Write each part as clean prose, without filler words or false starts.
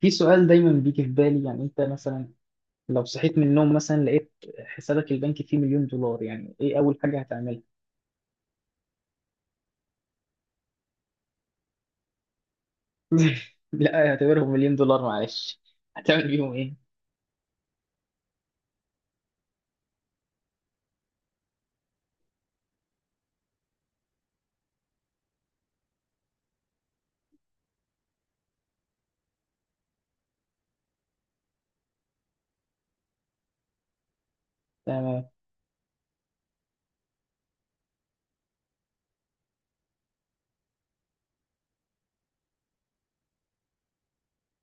في سؤال دايما بيجي في بالي، يعني انت مثلا لو صحيت من النوم مثلا لقيت حسابك البنكي فيه مليون دولار، يعني ايه اول حاجة هتعملها؟ لا اعتبرهم مليون دولار معلش. هتعمل بيهم ايه؟ تمام.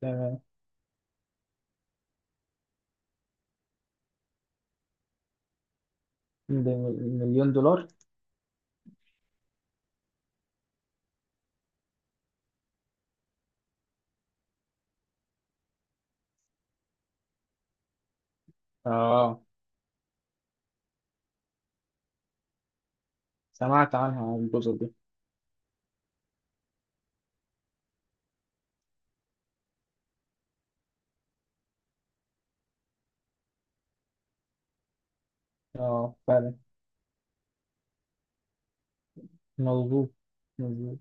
تمام. ده مليون دولار؟ اه. سمعت عنها، عن الجزر دي. اه فعلا. مظبوط. مظبوط.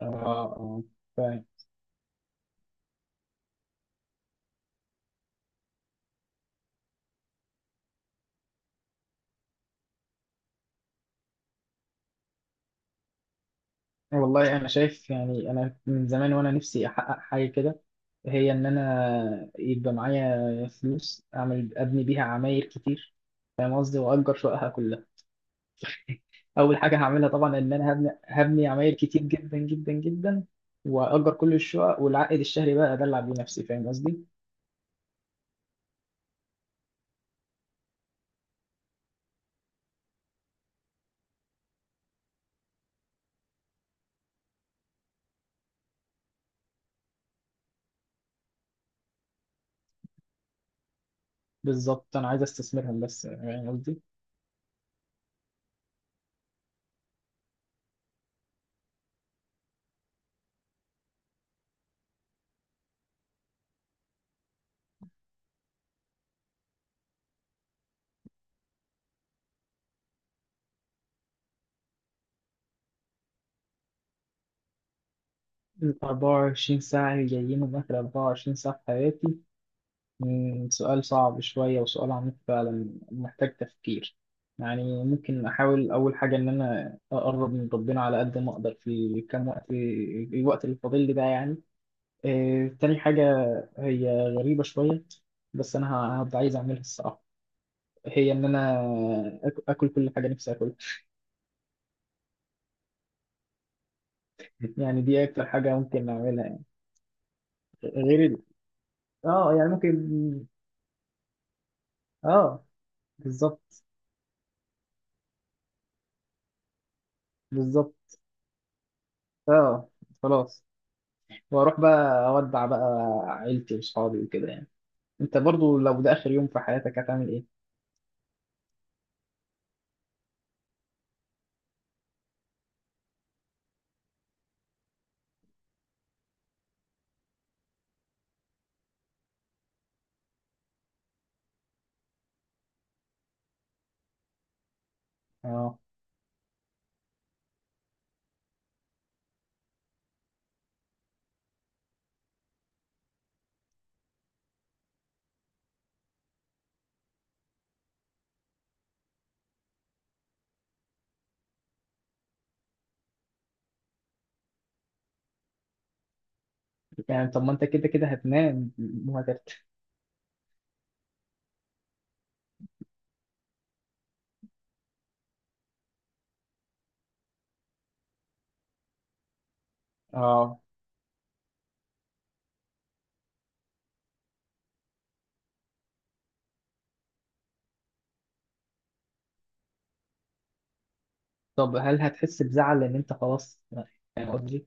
اه. اه فعلا. والله انا شايف، يعني انا من زمان وانا نفسي احقق حاجه كده، هي ان انا يبقى معايا فلوس اعمل ابني بيها عماير كتير، فاهم قصدي، واجر شققها كلها. اول حاجه هعملها طبعا ان انا هبني عماير كتير جدا جدا جدا، واجر كل الشقق والعائد الشهري بقى ادلع بيه نفسي، فاهم قصدي. بالظبط انا عايز استثمرهم بس، فاهم قصدي. ال 24 ساعه اللي جايين من اخر 24 ساعه في حياتي، مم، سؤال صعب شوية وسؤال عميق فعلا محتاج تفكير. يعني ممكن أحاول أول حاجة إن أنا أقرب من ربنا على قد ما أقدر في كام وقت، الوقت اللي فاضل لي ده يعني. تاني حاجة هي غريبة شوية، بس أنا هبقى عايز أعملها الصراحة. هي إن أنا آكل كل حاجة نفسي آكلها. يعني دي أكتر حاجة ممكن أعملها يعني. غير ال- يعني ممكن. آه بالظبط. بالظبط. آه خلاص. واروح بقى اودع بقى عيلتي واصحابي وكده يعني. انت برضو لو ده اخر يوم في حياتك هتعمل ايه؟ اه. يعني طب ما انت كده كده هتنام وهترتاح. اه. طب هل هتحس بزعل ان انت خلاص؟ يعني قصدي.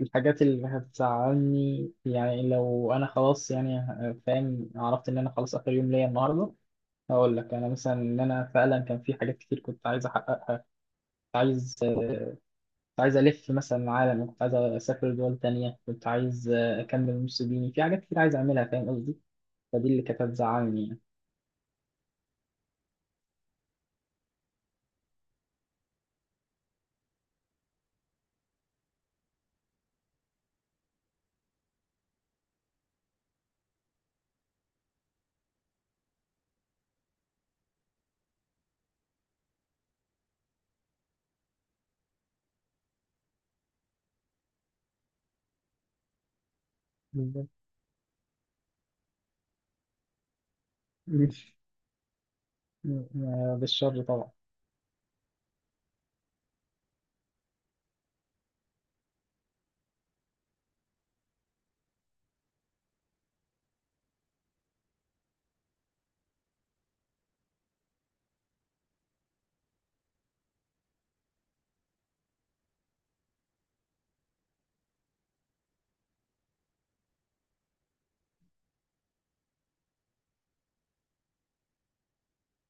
الحاجات اللي هتزعلني، يعني لو انا خلاص، يعني فاهم، عرفت ان انا خلاص اخر يوم ليا النهارده. هقول لك انا مثلا ان انا فعلا كان في حاجات كتير كنت عايز احققها. كنت عايز كنت عايز ألف مثلا العالم، كنت عايز أسافر دول تانية، كنت عايز أكمل نص ديني، في حاجات كتير عايز أعملها فاهم قصدي. فدي اللي كانت هتزعلني يعني. بالظبط. مش- بالشر طبعا.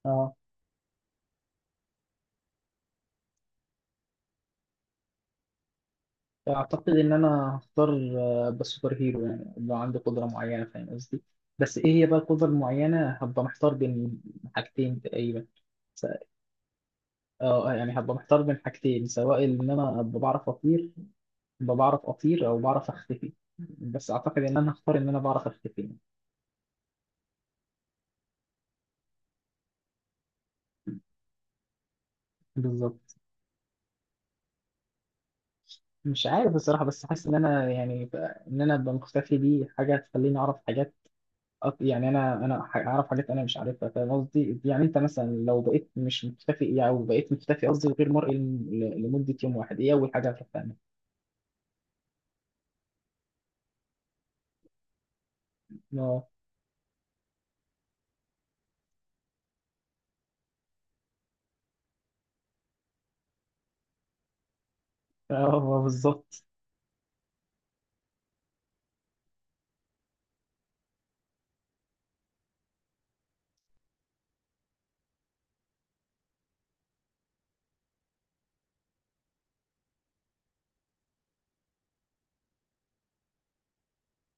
اه اعتقد ان انا هختار أبقى سوبر هيرو يعني، لو عندي قدره معينه فاهم قصدي. بس ايه هي بقى القدره المعينه؟ هبقى محتار بين حاجتين تقريبا. س- اه يعني هبقى محتار بين حاجتين، سواء ان انا ابقى بعرف اطير او بعرف اختفي. بس اعتقد ان انا هختار ان انا بعرف اختفي. بالظبط. مش عارف الصراحة بس حاسس إن أنا يعني إن أنا أبقى مختفي، دي حاجة تخليني أعرف حاجات. يعني أنا أعرف حاجات أنا مش عارفها، فاهم قصدي؟ يعني أنت مثلا لو بقيت مش مختفي يعني، أو بقيت مختفي، قصدي غير مرئي، لمدة يوم واحد، إيه أول حاجة هتعملها؟ أه. أه بالظبط.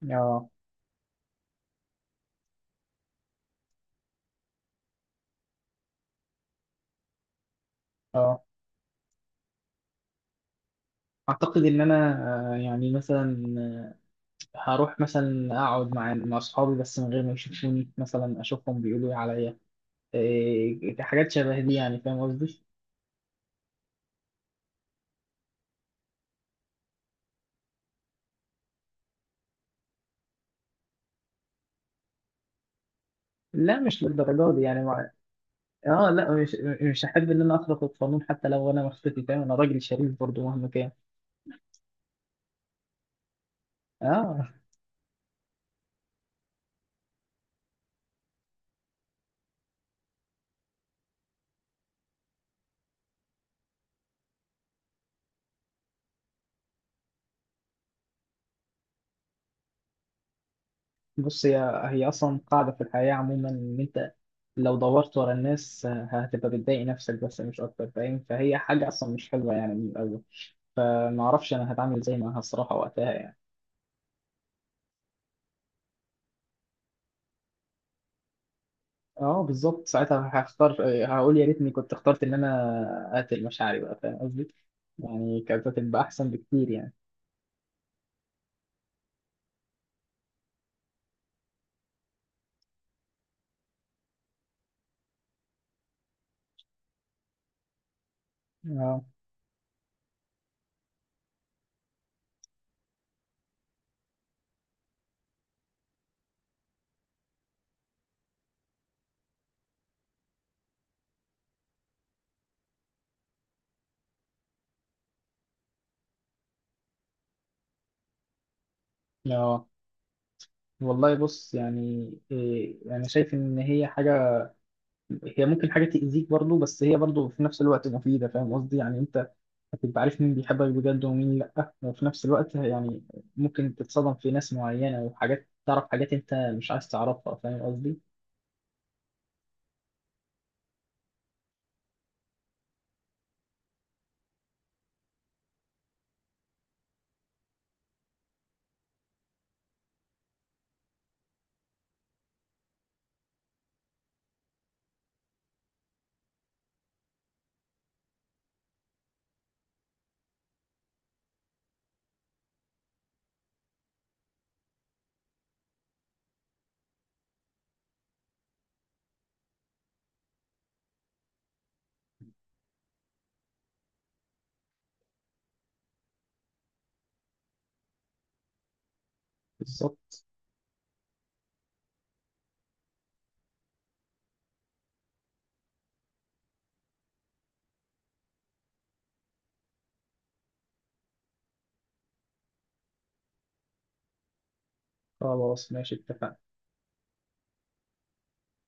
أه. أه أعتقد إن أنا يعني مثلا، هروح مثلا أقعد مع أصحابي بس من غير ما يشوفوني، مثلا أشوفهم بيقولوا إيه عليا. إيه، حاجات شبه دي يعني فاهم قصدي؟ لا مش للدرجه دي يعني مع... اه لا مش هحب ان انا اخرق القانون، حتى لو انا مخطئتي فاهم، انا راجل شريف برضه مهما كان. اه بص. هي اصلا قاعده في الحياه عموما، ان انت لو دورت ورا الناس، هتبقى بتضايق نفسك بس مش اكتر فاهم. فهي حاجه اصلا مش حلوه يعني من الاول. فما اعرفش انا هتعامل زي معاها الصراحه وقتها يعني. اه بالظبط ساعتها هختار. هقول يا ريتني كنت اخترت ان انا اقتل مشاعري بقى، فاهم قصدي، يعني كانت هتبقى احسن بكتير يعني. اه. اه والله بص. يعني إيه، يعني شايف ان هي حاجه، هي ممكن حاجه تاذيك برضو بس هي برضو في نفس الوقت مفيده، فاهم قصدي. يعني انت هتبقى عارف مين بيحبك بجد ومين لا، وفي نفس الوقت يعني ممكن تتصدم في ناس معينه، وحاجات تعرف حاجات انت مش عايز تعرفها، فاهم قصدي. بالظبط. خلاص ماشي اتفقنا.